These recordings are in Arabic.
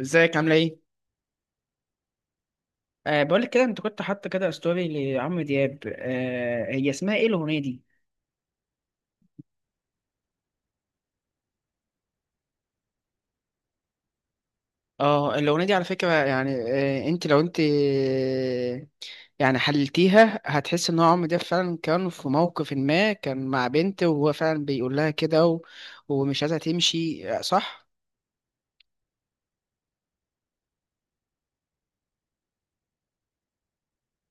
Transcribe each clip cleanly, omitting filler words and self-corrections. ازيك عامله ايه؟ بقول لك كده، انت كنت حاطه كده ستوري لعمرو دياب. هي اسمها ايه الاغنيه دي؟ اه، الاغنيه دي على فكره، يعني أه انت لو انت آه، يعني حللتيها هتحس ان هو عمرو دياب فعلا كان في موقف، ما كان مع بنت وهو فعلا بيقول لها كده ومش عايزها تمشي، صح؟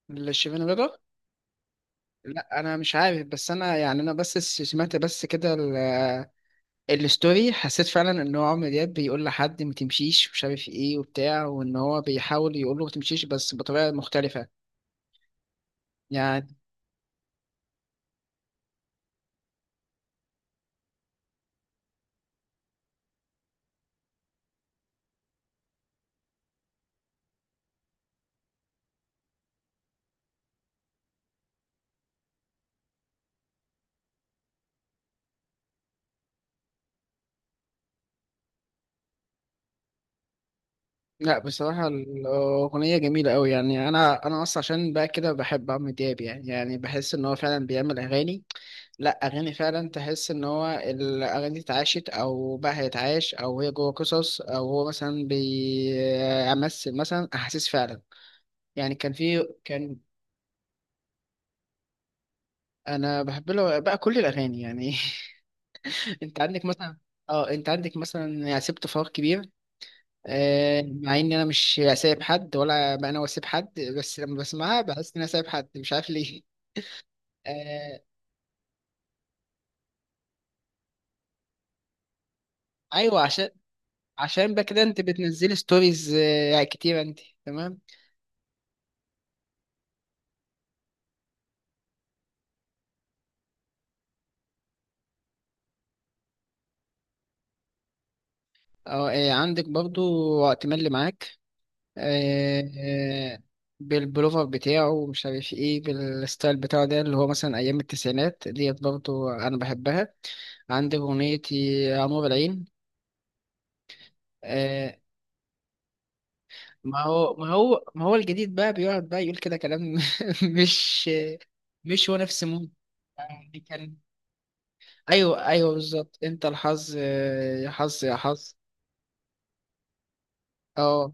لشيفين رضا؟ لا انا مش عارف، بس انا يعني انا بس سمعت كده الستوري، حسيت فعلا ان هو عمرو دياب بيقول لحد ما تمشيش ومش عارف ايه وبتاع، وان هو بيحاول يقول له ما تمشيش بس بطريقه مختلفه. يعني، لا بصراحه الاغنيه جميله قوي، يعني انا اصلا عشان بقى كده بحب عمرو دياب، يعني بحس ان هو فعلا بيعمل اغاني. لا، اغاني فعلا تحس ان هو الاغاني دي اتعاشت او بقى هيتعاش او هي جوه قصص، او هو مثلا بيمثل مثلا احاسيس فعلا. يعني كان في كان انا بحب له بقى كل الاغاني يعني. انت عندك مثلا، اه انت عندك مثلا يعني سبت فراغ كبير، مع ان انا مش سايب حد، ولا انا واسيب حد، بس لما بسمعها بحس ان انا سايب حد، مش عارف ليه. آه، ايوه، عشان بقى كده انت بتنزلي ستوريز، يعني كتير انت. تمام. اه، عندك برضو وقت ملي معاك، آه، آه، بالبلوفر بتاعه ومش عارف ايه، بالستايل بتاعه ده اللي هو مثلا ايام التسعينات ديت، برضو انا بحبها. عندك اغنية يا نور العين، آه، ما هو الجديد بقى بيقعد بقى يقول كده كلام. مش مش هو نفس مود يعني. كان، ايوه ايوه بالظبط انت الحظ، يا حظ يا حظ. اه،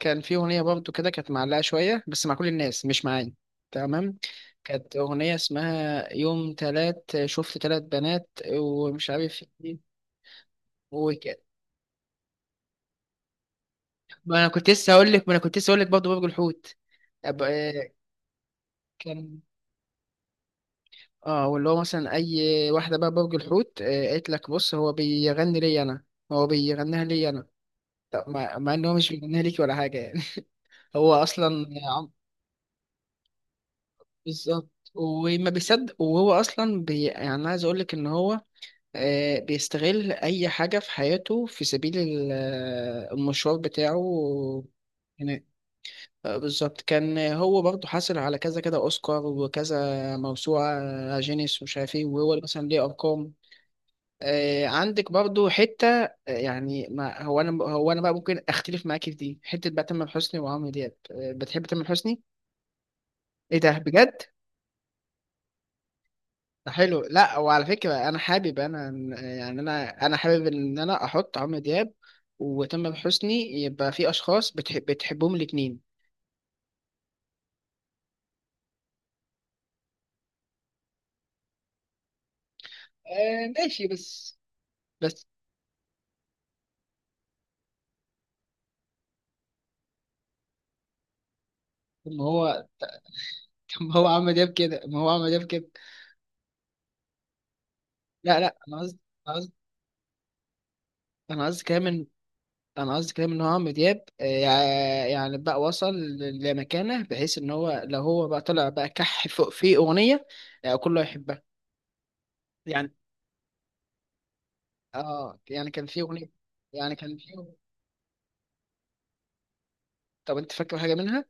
كان في اغنيه برضو كده كانت معلقه شويه بس مع كل الناس، مش معايا. تمام. كانت اغنيه اسمها يوم تلات شفت تلات بنات ومش عارف ايه وكده. ما انا كنت لسه هقول لك ما انا كنت لسه هقول لك برضه برج الحوت. أب- آه، كان، اه واللي هو مثلا اي واحده بقى برج الحوت، قالت لك بص هو بيغني لي انا، هو بيغنيها لي انا. طب مع ان هو مش بيغنيها ليك ولا حاجه يعني. هو اصلا عم- بالظبط، وما بيصدق، وهو اصلا يعني أنا عايز اقول لك ان هو بيستغل اي حاجه في حياته في سبيل المشوار بتاعه. يعني بالظبط، كان هو برضه حاصل على كذا كذا اوسكار وكذا موسوعه، جينيس ومش عارف ايه، وهو مثلا ليه ارقام. عندك برضو حتة، يعني ما هو أنا بقى ممكن أختلف معاك في دي حتة، بقى تامر حسني وعمرو دياب. بتحب تامر حسني؟ إيه ده بجد؟ ده حلو. لا، وعلى فكرة أنا حابب، يعني أنا حابب إن أنا أحط عمرو دياب وتامر حسني، يبقى في أشخاص بتحبهم الاتنين. آه ماشي، بس. بس طب ما هو طب ما هو عمرو دياب كده ما هو عمرو دياب كده. لا، لا، أنا قصدي أنا قصدي كمان، انا قصدي كلام ان هو عمرو دياب يعني بقى وصل لمكانه، بحيث ان هو لو هو بقى طلع بقى كح فوق في اغنيه، كله يحبها يعني. اه يعني كان في اغنيه، يعني كان في. طب انت فاكر حاجه منها؟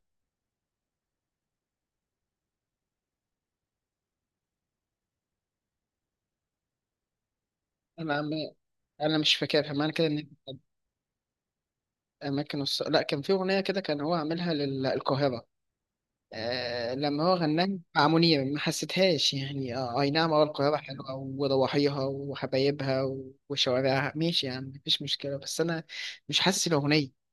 انا مش فاكرها. معنى كده ان لا، كان في اغنيه كده كان هو عاملها للقاهره، آه لما هو غناها مع منير ما حسيتهاش يعني. آه أي نعم، أه القاهرة حلوة وضواحيها وحبايبها وشوارعها، ماشي يعني، مفيش مشكلة، بس أنا مش حاسس الأغنية.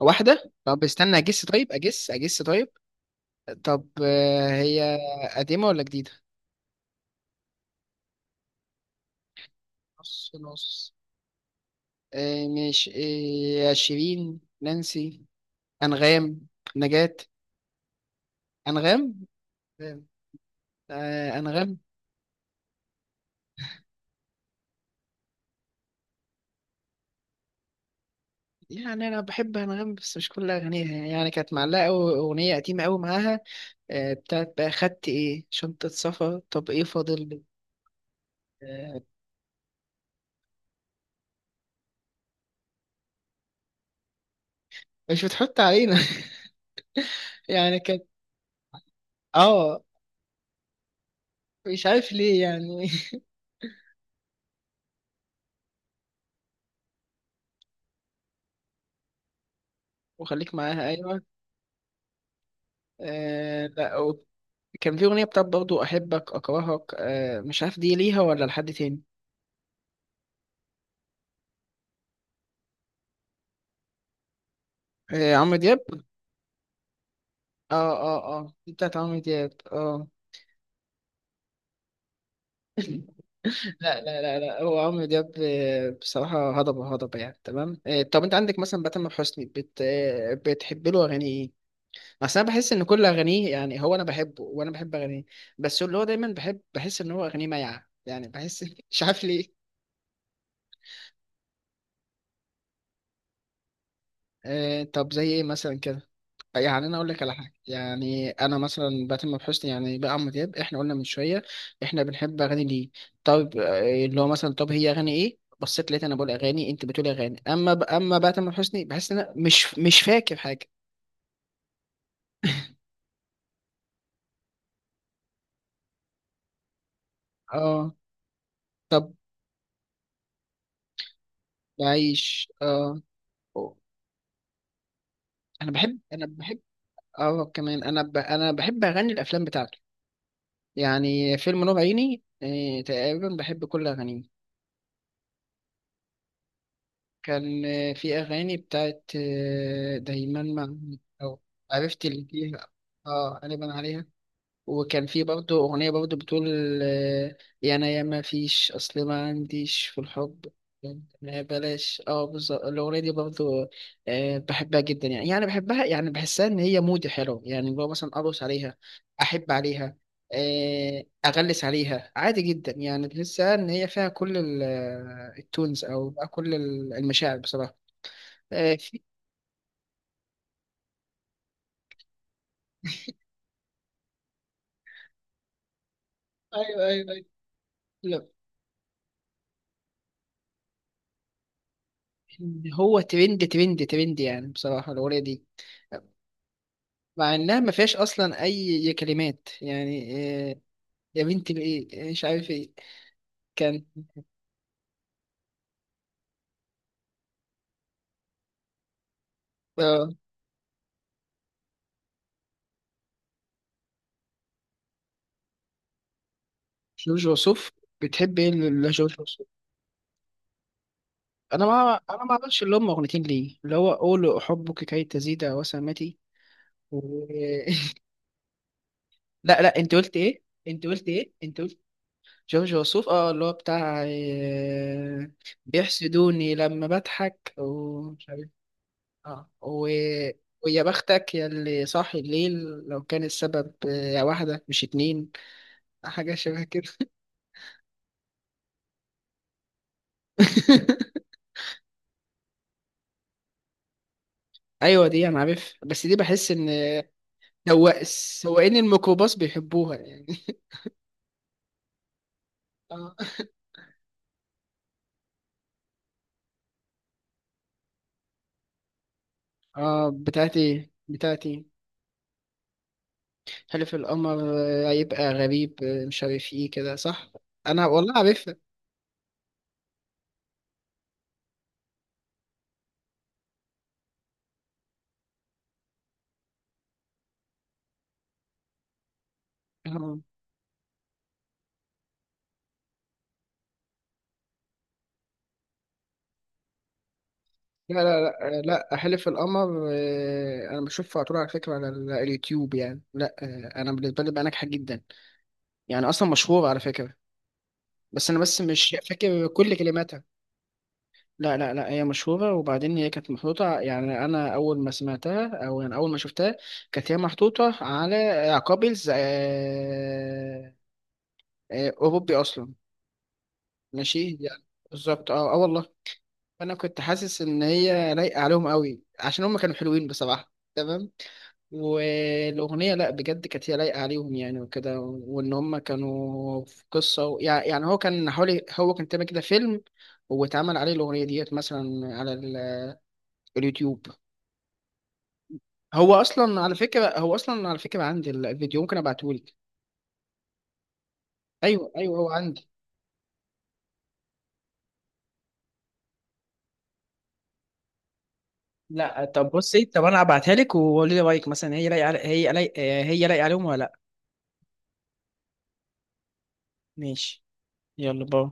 واحدة، طب استنى أجس، طيب أجس أجس، طيب. طب آه، هي قديمة ولا جديدة؟ نص نص. آه مش... آه، شيرين، نانسي، أنغام، نجاة. أنغام. آه أنغام. يعني انا بحب انغام بس مش كل اغانيها، يعني كانت معلقه قوي اغنيه قديمه قوي معاها، بتاعت بقى خدت ايه شنطه سفر، طب ايه فاضل. آه، مش بتحط علينا. يعني كانت. اه، مش عارف ليه يعني. وخليك معاها، ايوه. آه لا و- كان في اغنيه بتاعت برضو احبك اكرهك، آه مش عارف دي ليها ولا لحد تاني. آه عمرو دياب. اه، اه، اه، دي بتاعت عمرو دياب اه. لا، لا، لا، لا، هو عمرو دياب بصراحة هضبة هضبة يعني، تمام. طب انت عندك مثلا بقى تامر حسني بت... آه، بتحب له اغاني ايه؟ اصل انا بحس ان كل اغانيه، يعني هو انا بحبه وانا بحب اغانيه، بس اللي هو دايما بحس ان هو اغانيه مايعة يعني، بحس. مش عارف ليه. طب زي ايه مثلا؟ يعني انا اقول لك على حاجه، يعني انا مثلا بتم بحسني يعني، بقى عمرو دياب احنا قلنا من شويه احنا بنحب اغاني ليه، طب اللي هو مثلا طب هي اغاني ايه، بصيت لقيت انا بقول اغاني انت بتقول اغاني. اما اما بقى تامر حسني بحس ان انا مش فاكر حاجه، اه. طب عايش، اه. أوه. انا بحب. اه كمان انا انا بحب اغني الافلام بتاعته. يعني فيلم نور عيني، تقريبا بحب كل اغانيه. كان في أغاني بتاعت دايما مع. أو، عرفت اللي فيها، اه غالبا عليها. وكان في برضه أغنية برضه بتقول آه، يا أنا يا ما فيش، أصل ما عنديش في الحب ما بلاش، اه بالظبط الأغنية دي. برضه بحبها جدا يعني. يعني بحبها بحسها إن هي مودي حلو يعني، اللي هو مثلا أرقص عليها، أحب عليها، أغلس عليها عادي جدا يعني، تحسها إن هي فيها كل التونز، أو بقى كل المشاعر بصراحة. آه، في أيوه، أيوه، أيوه، لا. هو ترند، ترند، ترند يعني، بصراحة الأغنية دي مع انها ما فيهاش اصلا اي كلمات يعني. آه، يا بنتي بايه مش عارف ايه. كان آه، جورج وسوف. بتحب ايه لجورج وسوف؟ انا ما اعرفش اللي هم اغنيتين ليه اللي هو قول احبك كي تزيد وسامتي و... لا، لا، انت قلت ايه انت قلت جورج وسوف، اه اللي هو بتاع بيحسدوني لما بضحك ومش عارف، اه ويا بختك يا اللي صاحي الليل، لو كان السبب واحدة مش اتنين، حاجة شبه كده. ايوه دي انا عارف، بس دي بحس ان هو سواقين الميكروباص بيحبوها يعني. اه بتاعتي بتاعتي حلف القمر. هيبقى غريب مش عارف ايه كده، صح. انا والله عارفها. آه. لا، لا، لا، لا، حلف القمر، انا بشوفها على طول على فكره على اليوتيوب يعني. لا انا بالنسبه لي بقى ناجحه جدا، يعني اصلا مشهورة على فكرة، بس انا مش فاكر كل كلماتها. لا، لا، لا، هي مشهورة، وبعدين هي كانت محطوطة يعني انا اول ما سمعتها، او يعني اول ما شفتها كانت هي محطوطة على قابلز، اوروبي اصلا، ماشي يعني. بالظبط اه، آه والله، فانا كنت حاسس ان هي لايقه عليهم قوي عشان هم كانوا حلوين بصراحه، تمام. والاغنيه لا بجد كانت هي لايقه عليهم يعني، وكده وان هم كانوا في قصه يعني، هو كان تعمل كده فيلم واتعمل عليه الاغنيه ديت مثلا على اليوتيوب. هو اصلا على فكره عندي الفيديو، ممكن ابعته لك. ايوه، ايوه، هو عندي. لا طب بصي، طب انا هبعتها لك وقولي لي رايك، مثلا هي لايقه هي لايقه عليهم ولا لا؟ ماشي، يلا باي.